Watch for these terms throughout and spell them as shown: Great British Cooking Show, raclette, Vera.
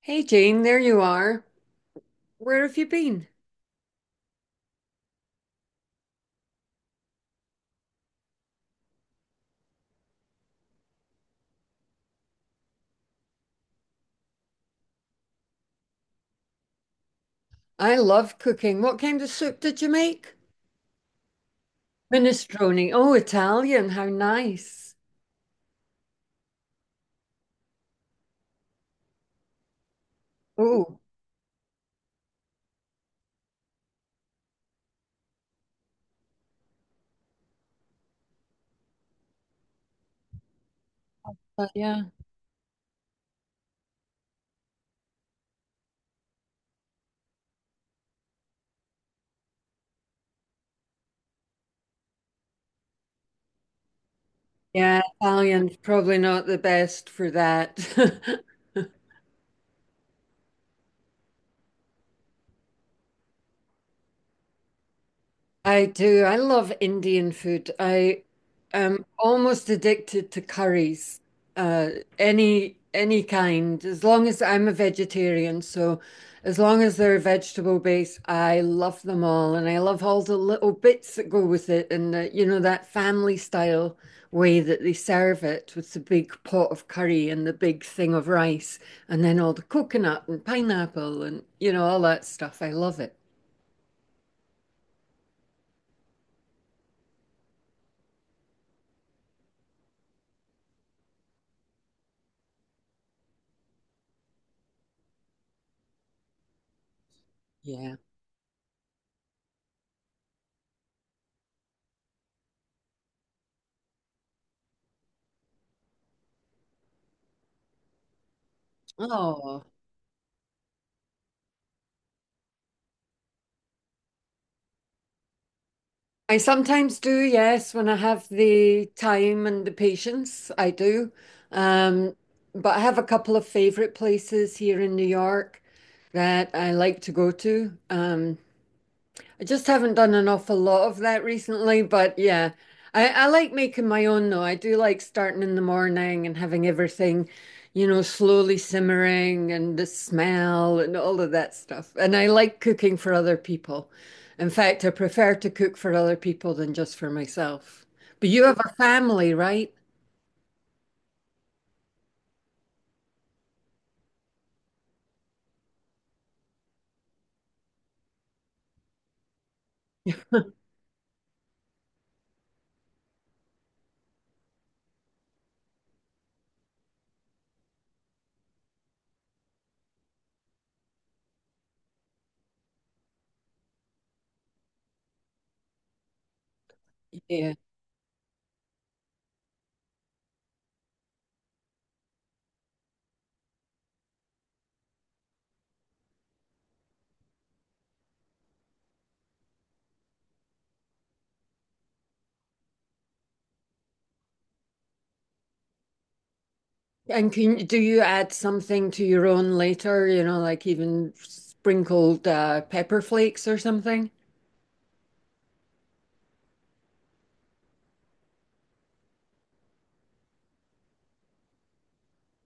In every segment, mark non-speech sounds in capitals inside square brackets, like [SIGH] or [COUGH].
Hey Jane, there you are. Where have you been? I love cooking. What kind of soup did you make? Minestrone. Oh, Italian. How nice. Oh, yeah. Yeah, Italian's probably not the best for that. [LAUGHS] I do. I love Indian food. I am almost addicted to curries, uh, any kind. As long as I'm a vegetarian, so as long as they're vegetable based, I love them all, and I love all the little bits that go with it, and you know that family style way that they serve it with the big pot of curry and the big thing of rice, and then all the coconut and pineapple and you know all that stuff. I love it. Yeah. Oh. I sometimes do, yes, when I have the time and the patience, I do. Um, but I have a couple of favorite places here in New York that I like to go to. I just haven't done an awful lot of that recently, but yeah, I like making my own though. I do like starting in the morning and having everything, you know, slowly simmering and the smell and all of that stuff. And I like cooking for other people. In fact, I prefer to cook for other people than just for myself. But you have a family, right? Yeah. And can do you add something to your own later, you know, like even sprinkled pepper flakes or something?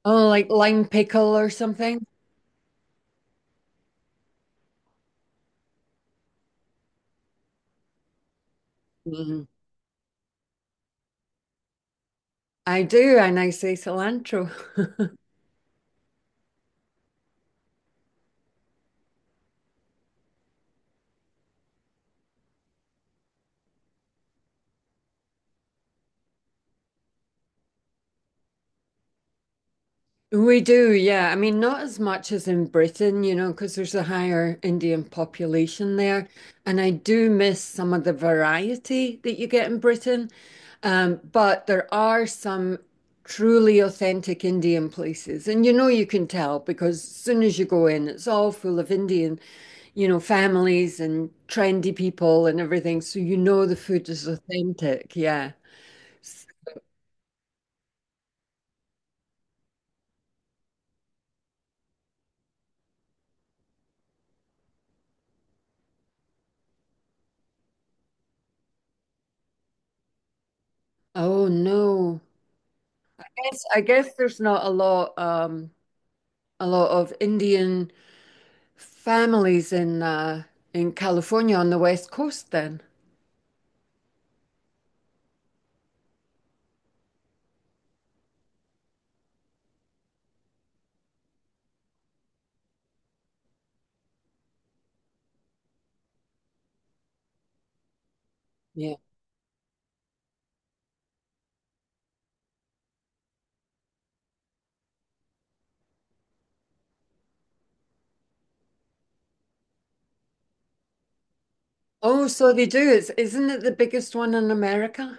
Oh, like lime pickle or something? Mm. I do, and I say cilantro. [LAUGHS] We do, yeah. I mean, not as much as in Britain, you know, because there's a higher Indian population there. And I do miss some of the variety that you get in Britain. But there are some truly authentic Indian places. And you know, you can tell because as soon as you go in, it's all full of Indian, you know, families and trendy people and everything. So you know the food is authentic. Yeah. S- Oh no. Yes, I guess there's not a lot, a lot of Indian families in California on the West Coast then. Yeah. Oh, so they do. It's, isn't it the biggest one in America?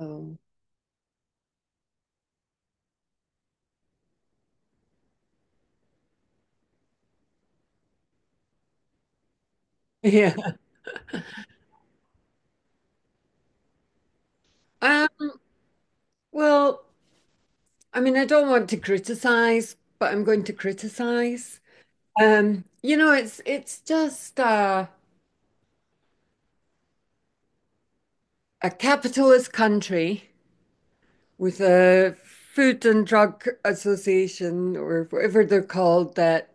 Oh. [LAUGHS] Yeah. Um, well, I mean, I don't want to criticize, but I'm going to criticize. You know, it's just a capitalist country with a Food and Drug Association or whatever they're called that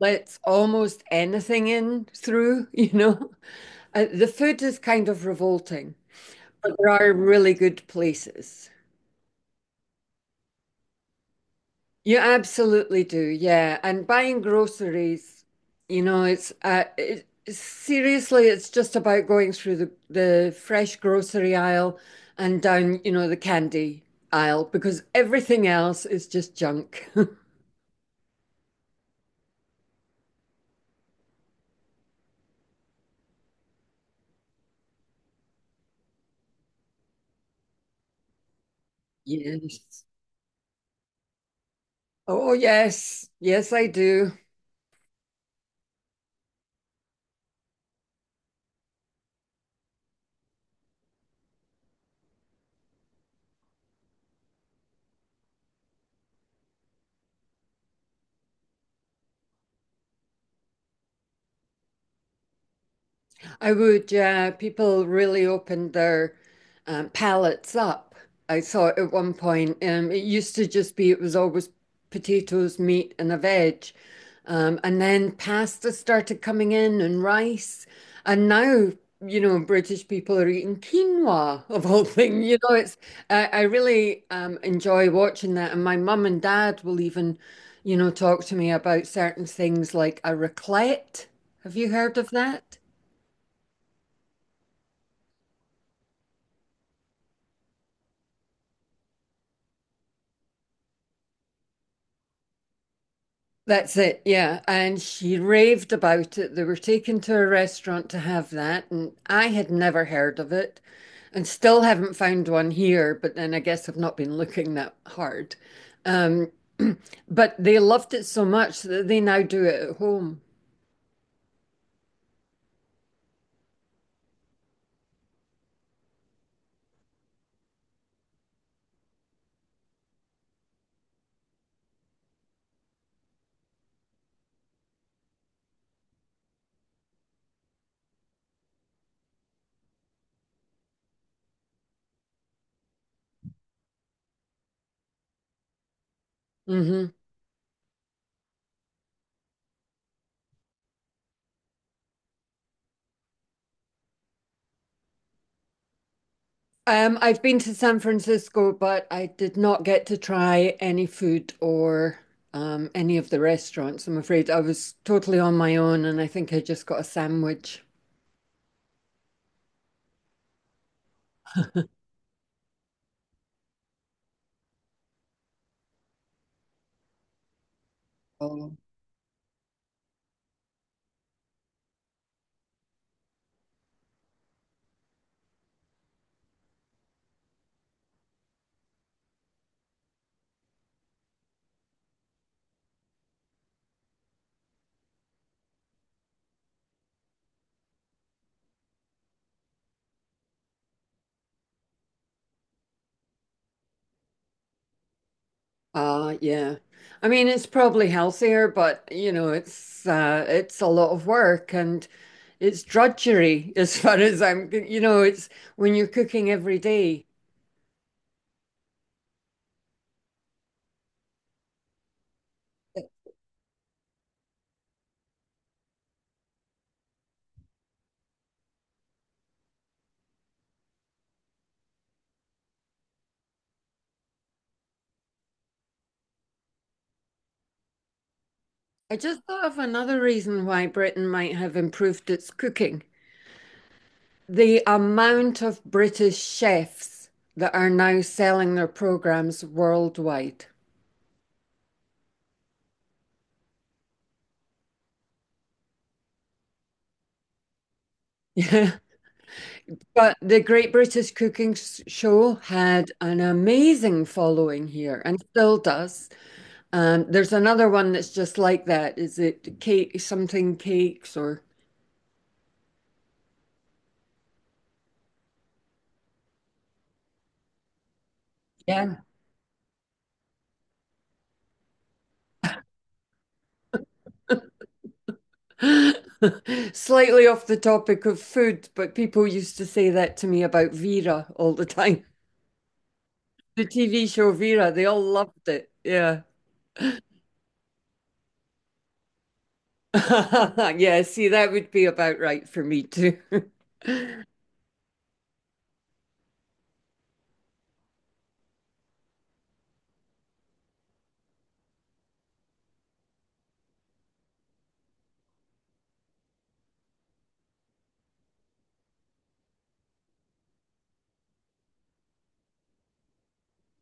lets almost anything in through, [LAUGHS] you know. The food is kind of revolting, but there are really good places. You absolutely do, yeah. And buying groceries, you know, seriously, it's just about going through the fresh grocery aisle and down, you know, the candy aisle because everything else is just junk. [LAUGHS] Yes. Oh, yes. Yes, I do. I would, yeah. People really opened their palates up. I saw it at one point. It used to just be, It was always potatoes, meat, and a veg. And then pasta started coming in and rice. And now, you know, British people are eating quinoa [LAUGHS] of all things. I really enjoy watching that. And my mum and dad will even, you know, talk to me about certain things like a raclette. Have you heard of that? That's it, yeah. And she raved about it. They were taken to a restaurant to have that, and I had never heard of it and still haven't found one here, but then I guess I've not been looking that hard. Um, but they loved it so much that they now do it at home. hmm I've been to San Francisco, but I did not get to try any food or any of the restaurants, I'm afraid. I was totally on my own, and I think I just got a sandwich. Oh. Yeah. I mean, it's probably healthier, but you know, it's a lot of work and it's drudgery [LAUGHS] as far as I'm, you know, it's when you're cooking every day. I just thought of another reason why Britain might have improved its cooking. The amount of British chefs that are now selling their programs worldwide. [LAUGHS] Yeah. But the Great British Cooking Show had an amazing following here and still does. There's another one that's just like that. Is it cake, something cakes or yeah. [LAUGHS] Slightly off the topic of food, but people used to say that to me about Vera all the time. [LAUGHS] The TV show Vera, they all loved it. Yeah. [LAUGHS] Yeah, see, that would be about right for me too. [LAUGHS]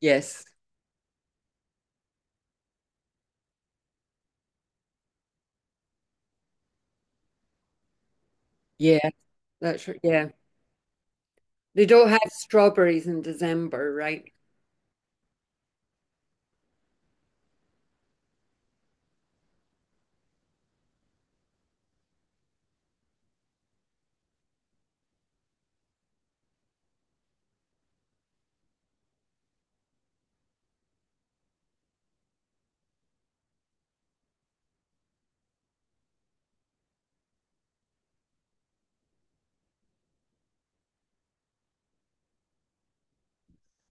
Yes. Yeah, that's right. Yeah. They don't have strawberries in December, right?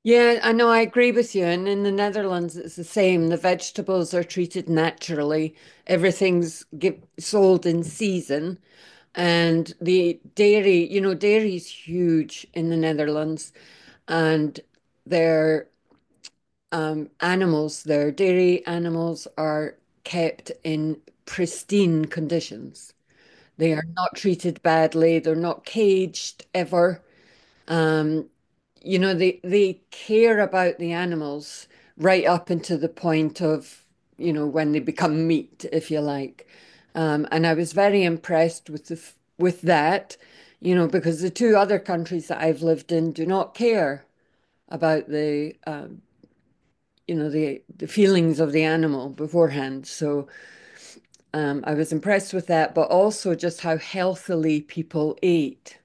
Yeah, I know, I agree with you. And in the Netherlands, it's the same. The vegetables are treated naturally. Everything's give, sold in season. And the dairy, you know, dairy is huge in the Netherlands. And their animals, their dairy animals are kept in pristine conditions. They are not treated badly. They're not caged ever. Um, you know, they care about the animals right up into the point of, you know, when they become meat, if you like. And I was very impressed with the, with that, you know, because the two other countries that I've lived in do not care about the, you know, the, feelings of the animal beforehand. So I was impressed with that, but also just how healthily people ate.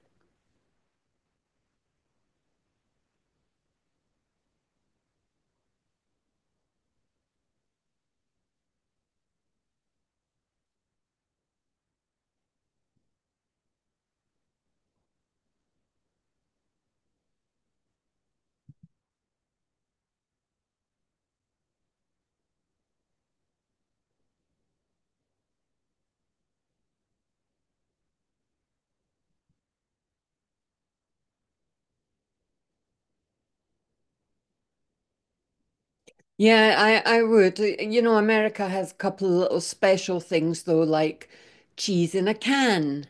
Yeah, I would. You know, America has a couple of little special things though, like cheese in a can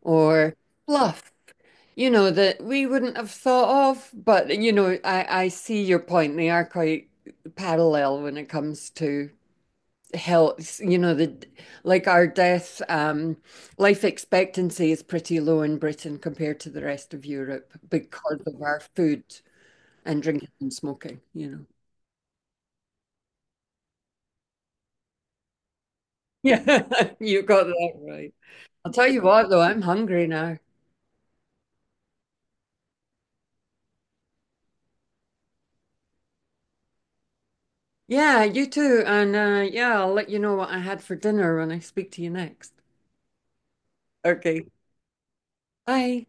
or fluff, you know, that we wouldn't have thought of. But, you know, I see your point. They are quite parallel when it comes to health. You know, the like our death, life expectancy is pretty low in Britain compared to the rest of Europe because of our food and drinking and smoking, you know. [LAUGHS] Yeah, [LAUGHS] you got that right. I'll tell you what, though, I'm hungry now. Yeah, you too. And yeah, I'll let you know what I had for dinner when I speak to you next. Okay. Bye.